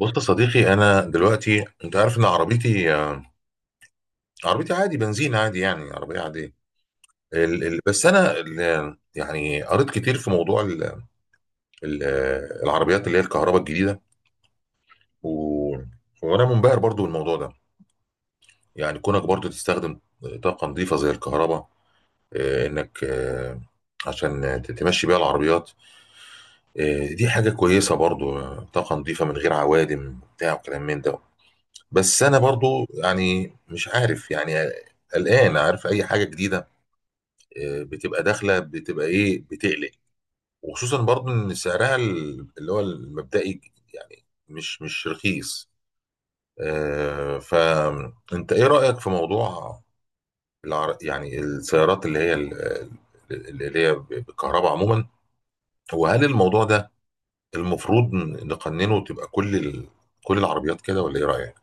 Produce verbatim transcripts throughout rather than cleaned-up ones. بص يا صديقي، انا دلوقتي انت عارف ان عربيتي عربيتي عادي، بنزين عادي، يعني عربيه عاديه. ال... ال... بس انا ال... يعني قريت كتير في موضوع ال... ال... العربيات اللي هي الكهرباء الجديده. و... وانا منبهر برضو بالموضوع ده. يعني كونك برضو تستخدم طاقه نظيفه زي الكهرباء، آه، انك، آه، عشان ت- تمشي بيها العربيات. آه، دي حاجه كويسه برضو، آه، طاقه نظيفه من غير عوادم بتاع وكلام من ده. بس انا برضو يعني مش عارف، يعني قلقان. عارف اي حاجه جديده، آه، بتبقى داخله، بتبقى ايه، بتقلق. وخصوصا برضو ان سعرها ال- اللي هو المبدئي، يعني مش مش رخيص. آه، فانت ايه رايك في موضوع العر... يعني السيارات اللي هي ال- ال- اللي هي بالكهرباء عموما؟ وهل الموضوع ده المفروض نقننه، تبقى كل ال... كل العربيات كده، ولا ايه رايك؟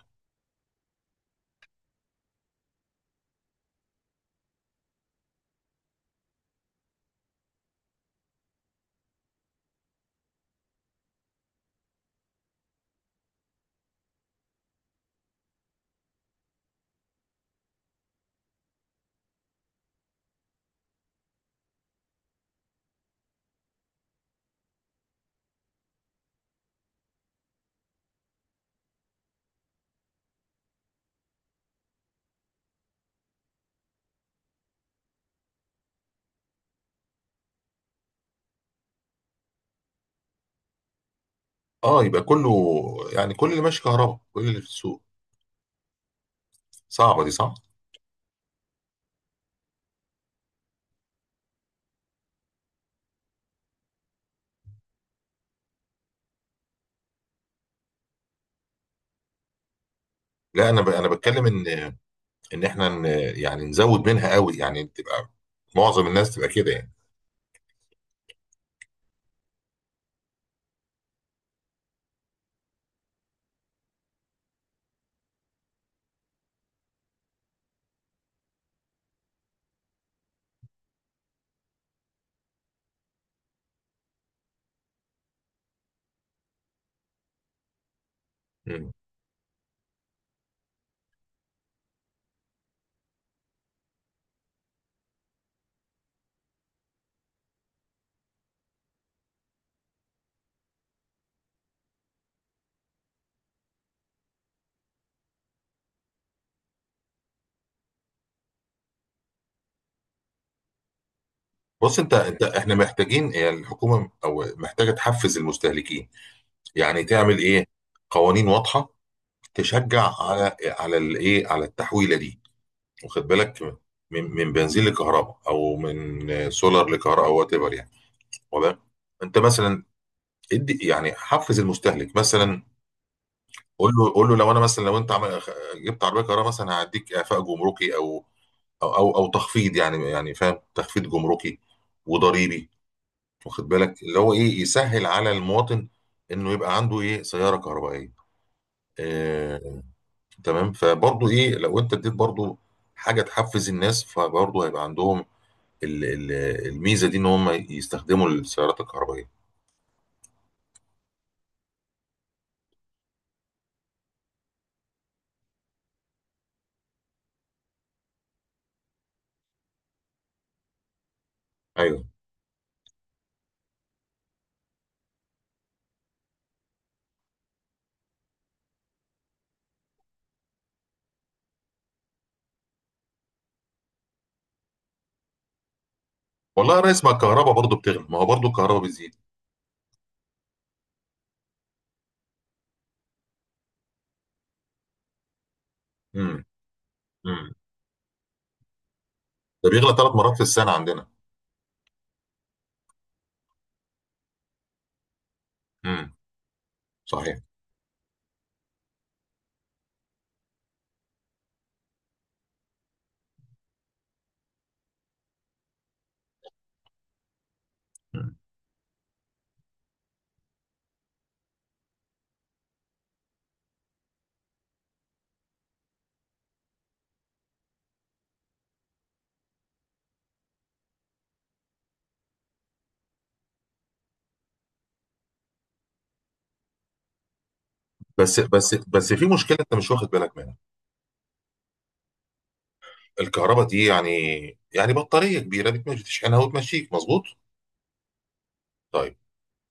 اه، يبقى كله، يعني كل اللي ماشي كهرباء، كل اللي في السوق. صعبه دي، صح؟ لا، انا ب... انا بتكلم ان ان احنا ن... يعني نزود منها قوي، يعني تبقى معظم الناس تبقى كده يعني. مم. بص، انت انت احنا محتاجين، هي الحكومه او محتاجه تحفز المستهلكين. يعني تعمل ايه، قوانين واضحه تشجع على على الايه، على التحويله دي. واخد بالك؟ من من بنزين لكهرباء، او من سولار لكهرباء، او وات ايفر يعني. واخد بالك؟ انت مثلا، ادي يعني حفز المستهلك مثلا. قول له قول له، لو انا مثلا، لو انت عمل، جبت عربيه كهرباء مثلا هعديك اعفاء جمركي، او او او, أو تخفيض، يعني يعني فاهم، تخفيض جمركي وضريبي. واخد بالك اللي هو ايه، يسهل على المواطن انه يبقى عنده ايه، سياره كهربائيه. آه. تمام، فبرضه ايه، لو انت اديت برضه حاجه تحفز الناس، فبرضه هيبقى عندهم ال- ال- الميزه دي، ان هم يستخدموا السيارات الكهربائيه. ايوه. والله يا ريس، ما الكهرباء برضه بتغلى، ما هو برضه الكهرباء بتزيد. امم امم ده بيغلى ثلاث مرات في السنه عندنا. امم صحيح. مم. بس بس بس في مشكله انت مش واخد بالك منها، الكهرباء دي يعني، يعني بطاريه كبيره بتمشي، تشحنها وتمشيك مظبوط. طيب،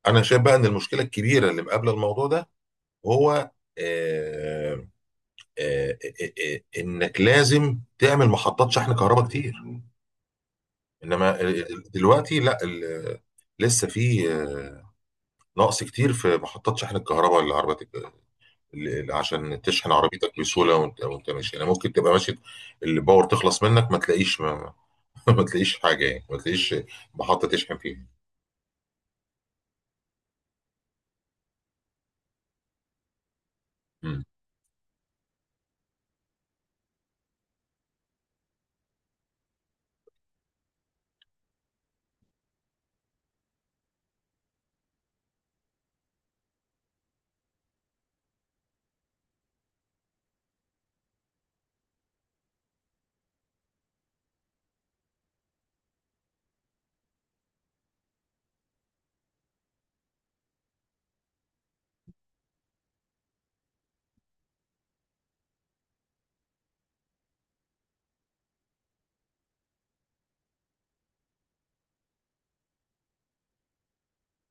انا شايف بقى ان المشكله الكبيره اللي مقابله الموضوع ده هو، آه آه آه آه انك لازم تعمل محطات شحن كهرباء كتير. انما ال- ال- دلوقتي لا، ال- لسه في، آه، نقص كتير في محطات شحن الكهرباء للعربيات، ل- عشان تشحن عربيتك بسهوله وانت وانت ماشي. يعني ممكن تبقى ماشي، الباور تخلص منك، ما, تلاقيش ما, ما تلاقيش حاجه، يعني ما تلاقيش محطه تشحن فيها. مم.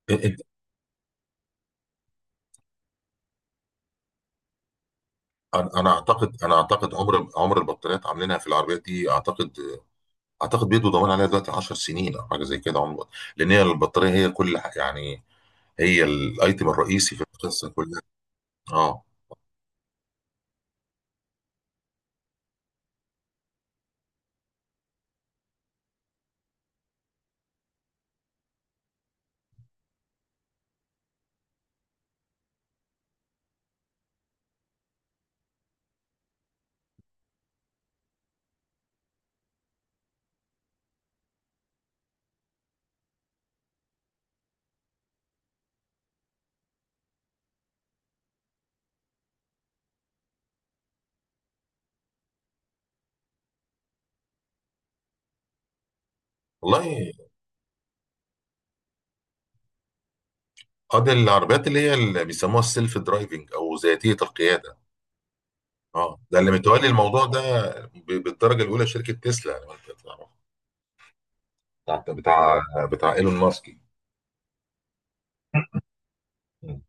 انت انا، أنا اعتقد انا اعتقد عمر عمر البطاريات عاملينها في العربيات دي، اعتقد اعتقد بيدوا ضمان عليها دلوقتي عشر سنين او حاجه زي كده. عمر، لان هي البطاريه هي كل ح- يعني هي الايتم الرئيسي في القصه كلها. اه، والله. اه، دي العربيات اللي هي اللي بيسموها السيلف درايفنج او ذاتيه القياده. اه، ده اللي متولي الموضوع ده ب- بالدرجه الاولى شركه تسلا، لو انت تعرف بتاع بتاع بتاع ايلون ماسك. مم.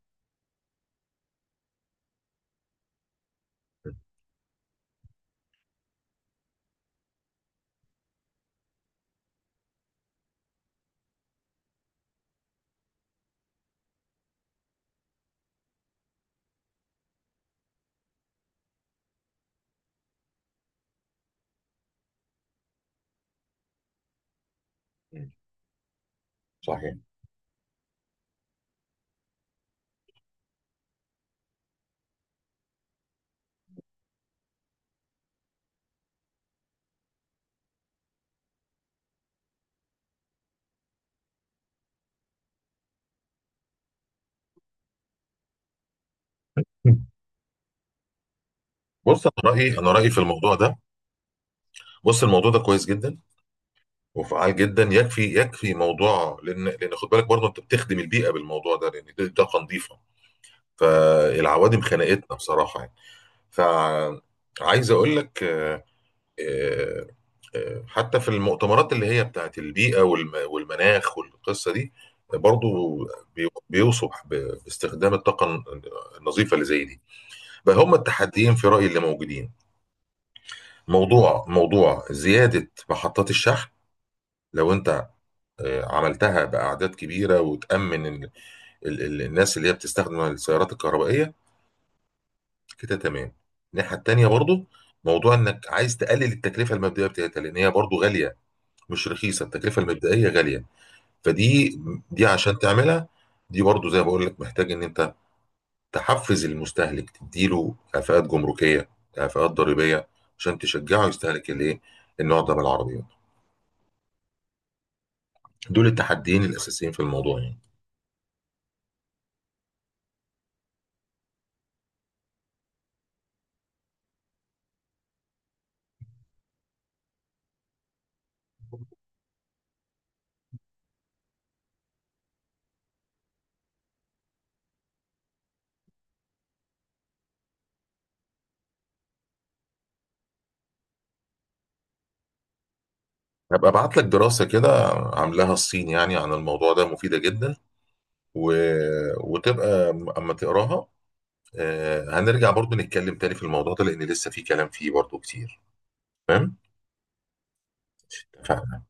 صحيح. مم. بص، انا رايي انا رايي في الموضوع ده، بص، الموضوع ده كويس جدا وفعال جدا. يكفي يكفي موضوع، لان لان خد بالك برضه، انت بتخدم البيئه بالموضوع ده، لان دي طاقه نظيفه. فالعوادم خنقتنا بصراحه يعني. فعايز اقول لك، آه، آه، حتى في المؤتمرات اللي هي بتاعت البيئة والم- والمناخ والقصة دي، برضو بي- بيوصف ب- باستخدام الطاقة الن- النظيفة اللي زي دي. فهم التحديين في رأيي اللي موجودين: موضوع موضوع زيادة محطات الشحن، لو انت آه، عملتها بأعداد كبيرة وتأمن ال- ال- ال- الناس اللي هي بتستخدم السيارات الكهربائية، كده تمام. الناحية التانية برضو، موضوع انك عايز تقلل التكلفة المبدئية بتاعتها، لان هي برضو غالية، مش رخيصه، التكلفه المبدئيه غاليه. فدي، دي عشان تعملها، دي برضو زي ما بقول لك، محتاج ان انت تحفز المستهلك، تديله كفاءات جمركيه، كفاءات ضريبيه، عشان تشجعه يستهلك الايه، النوع ده من العربيات. دول التحديين الاساسيين في الموضوع يعني. هبقى ابعت لك دراسه كده عاملاها الصين يعني عن الموضوع ده، مفيده جدا. و... وتبقى اما تقراها، آه، هنرجع برضو نتكلم تاني في الموضوع ده، لان لسه في كلام فيه برضو كتير. تمام، اتفقنا.